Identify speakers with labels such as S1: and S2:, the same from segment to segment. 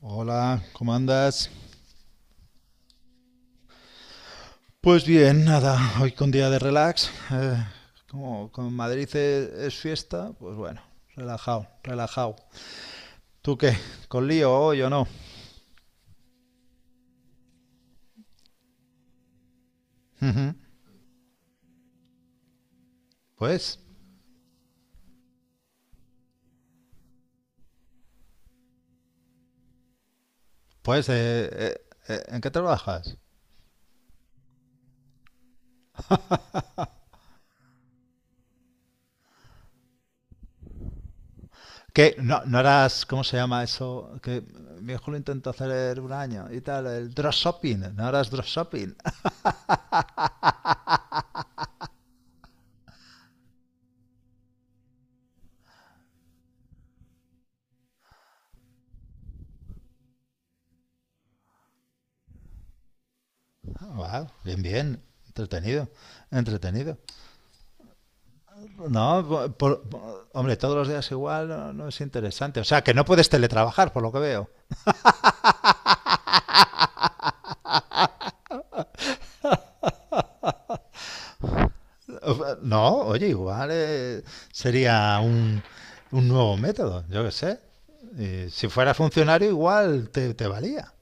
S1: Hola, ¿cómo andas? Pues bien, nada, hoy con día de relax. Como en Madrid es fiesta, pues bueno, relajado, relajado. ¿Tú qué? ¿Con lío hoy o no? Pues, pues, ¿en qué trabajas? Que no, no harás. ¿Cómo se llama eso? Que mi hijo lo intentó hacer un año y tal, el drop shopping, no harás drop shopping. Wow, bien, bien, entretenido, entretenido. No, hombre, todos los días igual no, no es interesante. O sea, que no puedes teletrabajar, por lo que veo. No, oye, igual sería un nuevo método, yo qué sé. Y si fuera funcionario, igual te valía.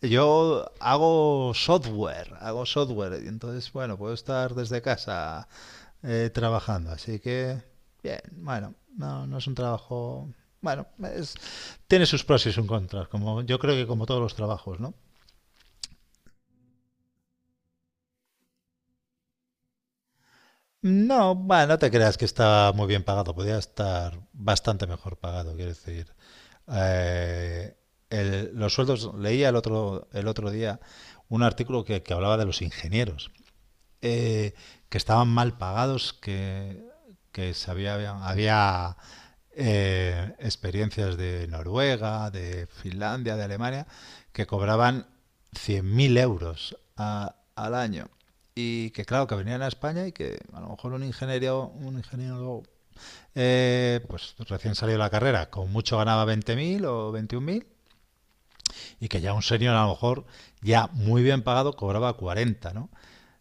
S1: Yo hago software, y entonces, bueno, puedo estar desde casa trabajando, así que, bien, bueno, no, no es un trabajo, bueno, es- tiene sus pros y sus contras, como yo creo que como todos los trabajos, ¿no? No, bueno, no te creas que está muy bien pagado, podría estar bastante mejor pagado, quiero decir. Eh, los sueldos, leía el otro día un artículo que hablaba de los ingenieros eh, que estaban mal pagados, que se había experiencias de Noruega, de Finlandia, de Alemania, que cobraban 100.000 euros al año. Y que claro, que venían a España y que a lo mejor un ingeniero pues recién salido de la carrera, con mucho ganaba 20.000 o 21.000 y que ya un senior a lo mejor ya muy bien pagado cobraba 40, ¿no?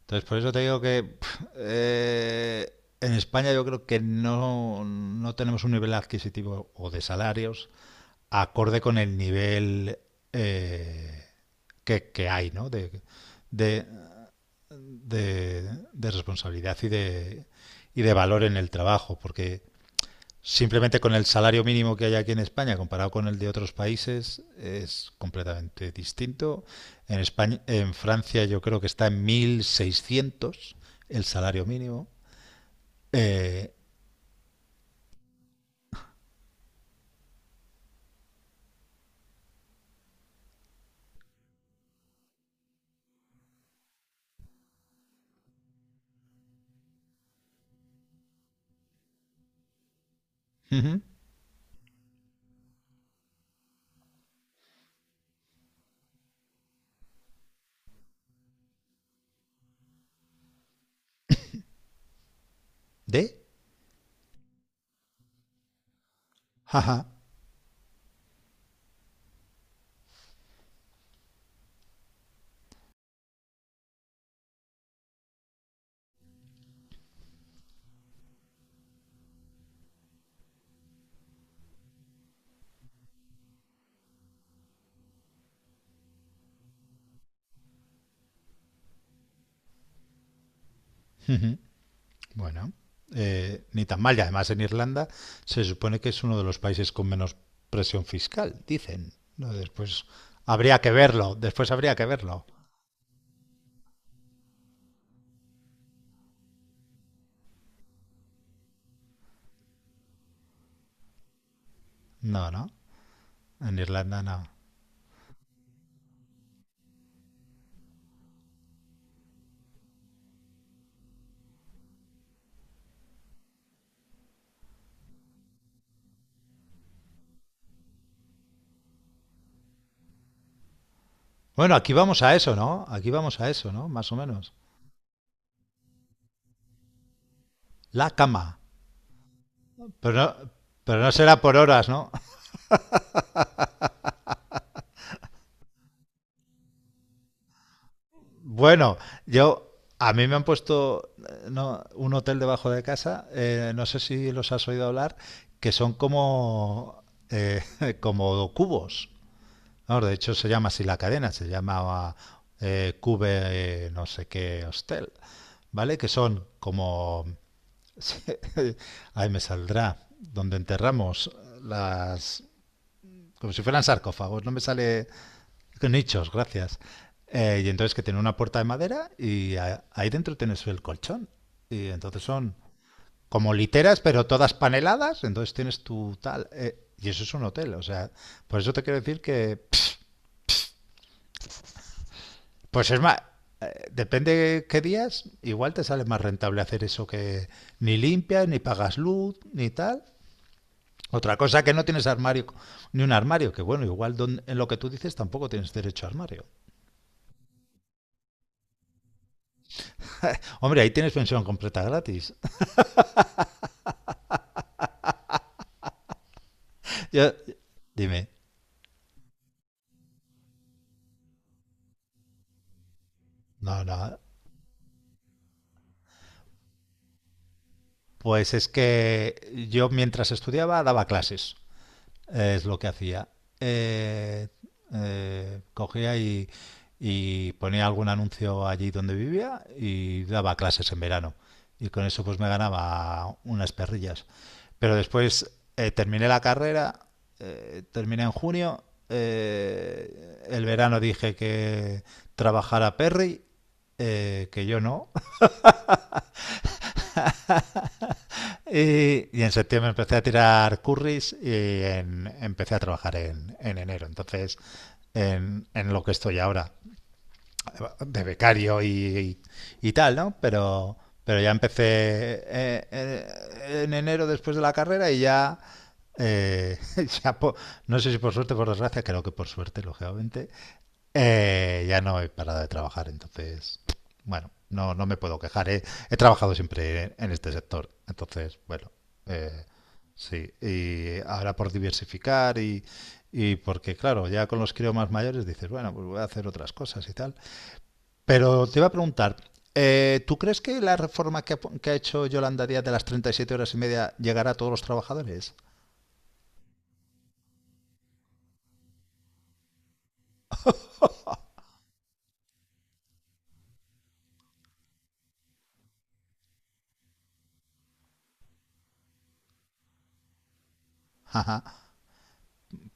S1: Entonces por eso te digo que pff, en España yo creo que no, no tenemos un nivel adquisitivo o de salarios acorde con el nivel eh, que hay, ¿no? De, de, de responsabilidad y y de valor en el trabajo, porque simplemente con el salario mínimo que hay aquí en España comparado con el de otros países es completamente distinto. En España, en Francia yo creo que está en 1.600 el salario mínimo. Eh, ujú, ¿De? Jaja. Bueno, ni tan mal. Y además en Irlanda se supone que es uno de los países con menos presión fiscal, dicen. No, después habría que verlo, después habría que verlo. No, no, en Irlanda no. Bueno, aquí vamos a eso, ¿no? Aquí vamos a eso, ¿no? Más o menos. La cama. Pero no, pero no será por horas, ¿no? Bueno, yo. A mí me han puesto no, un hotel debajo de casa, no sé si los has oído hablar, que son como, como cubos. Vamos, de hecho, se llama así la cadena, se llamaba Cube no sé qué hostel, ¿vale? Que son como... Ahí me saldrá, donde enterramos las, como si fueran sarcófagos, no me sale nichos, gracias. Y entonces que tiene una puerta de madera y ahí dentro tienes el colchón. Y entonces son como literas, pero todas paneladas, entonces tienes tu tal. Y eso es un hotel, o sea, por eso te quiero decir que, pues es más, depende qué días, igual te sale más rentable hacer eso que ni limpias, ni pagas luz, ni tal. Otra cosa que no tienes armario, ni un armario, que bueno, igual en lo que tú dices tampoco tienes derecho a armario. Hombre, ahí tienes pensión completa gratis. Yo- dime. No, no. Pues es que yo mientras estudiaba daba clases. Es lo que hacía. Eh, cogía y ponía algún anuncio allí donde vivía y daba clases en verano. Y con eso pues me ganaba unas perrillas. Pero después terminé la carrera, terminé en junio, el verano dije que trabajara Perry, que yo no, Y en septiembre empecé a tirar curries y empecé a trabajar en enero. Entonces, en lo que estoy ahora de becario y tal, ¿no? Pero, ya empecé en enero después de la carrera y ya, eh, ya no sé si por suerte o por desgracia, creo que por suerte, lógicamente, ya no he parado de trabajar, entonces, bueno, no, no me puedo quejar. ¿Eh? He trabajado siempre en este sector, entonces, bueno, eh, sí. Y ahora por diversificar y porque, claro, ya con los críos más mayores dices, bueno, pues voy a hacer otras cosas y tal. Pero te iba a preguntar, ¿tú crees que la reforma que ha hecho Yolanda Díaz de las 37 horas y media llegará a todos los trabajadores? Ajá.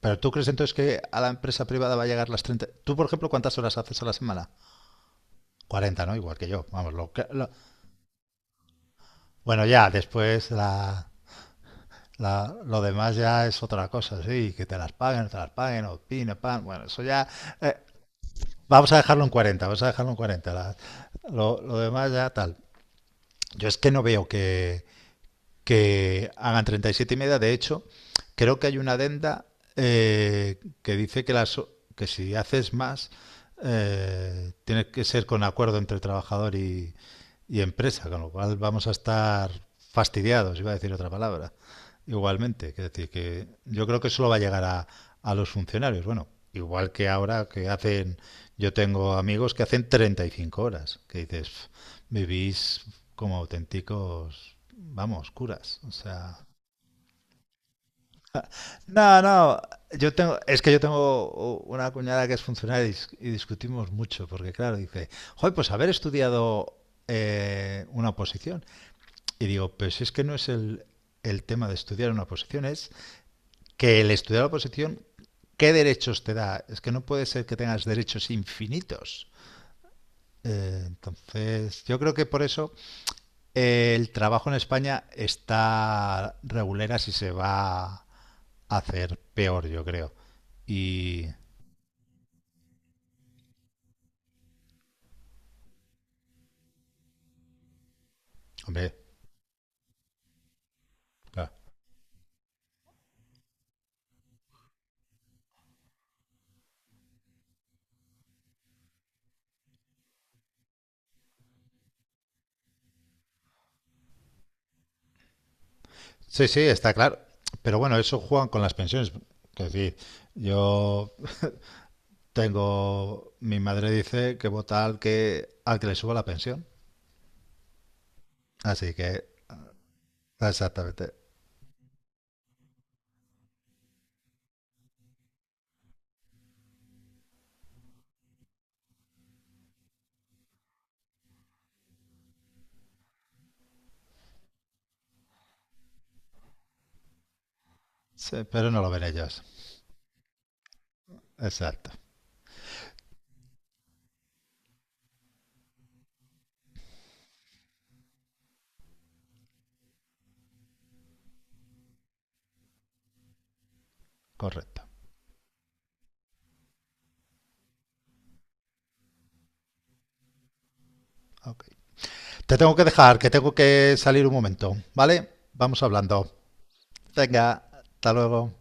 S1: Pero tú crees entonces que a la empresa privada va a llegar las 30. Tú, por ejemplo, ¿cuántas horas haces a la semana? 40, ¿no? Igual que yo. Vamos, lo que... Bueno, ya, después lo demás ya es otra cosa, sí, que te las paguen, o pin, pan, bueno, eso ya... eh, vamos a dejarlo en 40, vamos a dejarlo en 40. Lo demás ya tal. Yo es que no veo que hagan 37 y siete y media. De hecho, creo que hay una adenda que dice que, que si haces más, tiene que ser con acuerdo entre trabajador y empresa, con lo cual vamos a estar fastidiados, iba a decir otra palabra, igualmente. Es decir, que yo creo que solo va a llegar a los funcionarios. Bueno, igual que ahora que hacen, yo tengo amigos que hacen 35 horas, que dices, vivís como auténticos, vamos, curas. O sea. No, no. Es que yo tengo una cuñada que es funcionaria y discutimos mucho, porque claro, dice, joder, pues haber estudiado una oposición. Y digo, pues es que no es el tema de estudiar una oposición, es que el estudiar la oposición, ¿qué derechos te da? Es que no puede ser que tengas derechos infinitos. Entonces, yo creo que por eso el trabajo en España está regulera si se va a hacer peor, yo creo. Y, hombre, claro. Sí, sí, está claro. Pero bueno, eso juegan con las pensiones. Es decir, yo mi madre dice que vota al que le suba la pensión. Así que, exactamente. Sí, pero no lo ven ellos. Exacto, correcto. Ok. Te tengo que dejar, que tengo que salir un momento, ¿vale? Vamos hablando. Venga, hasta luego.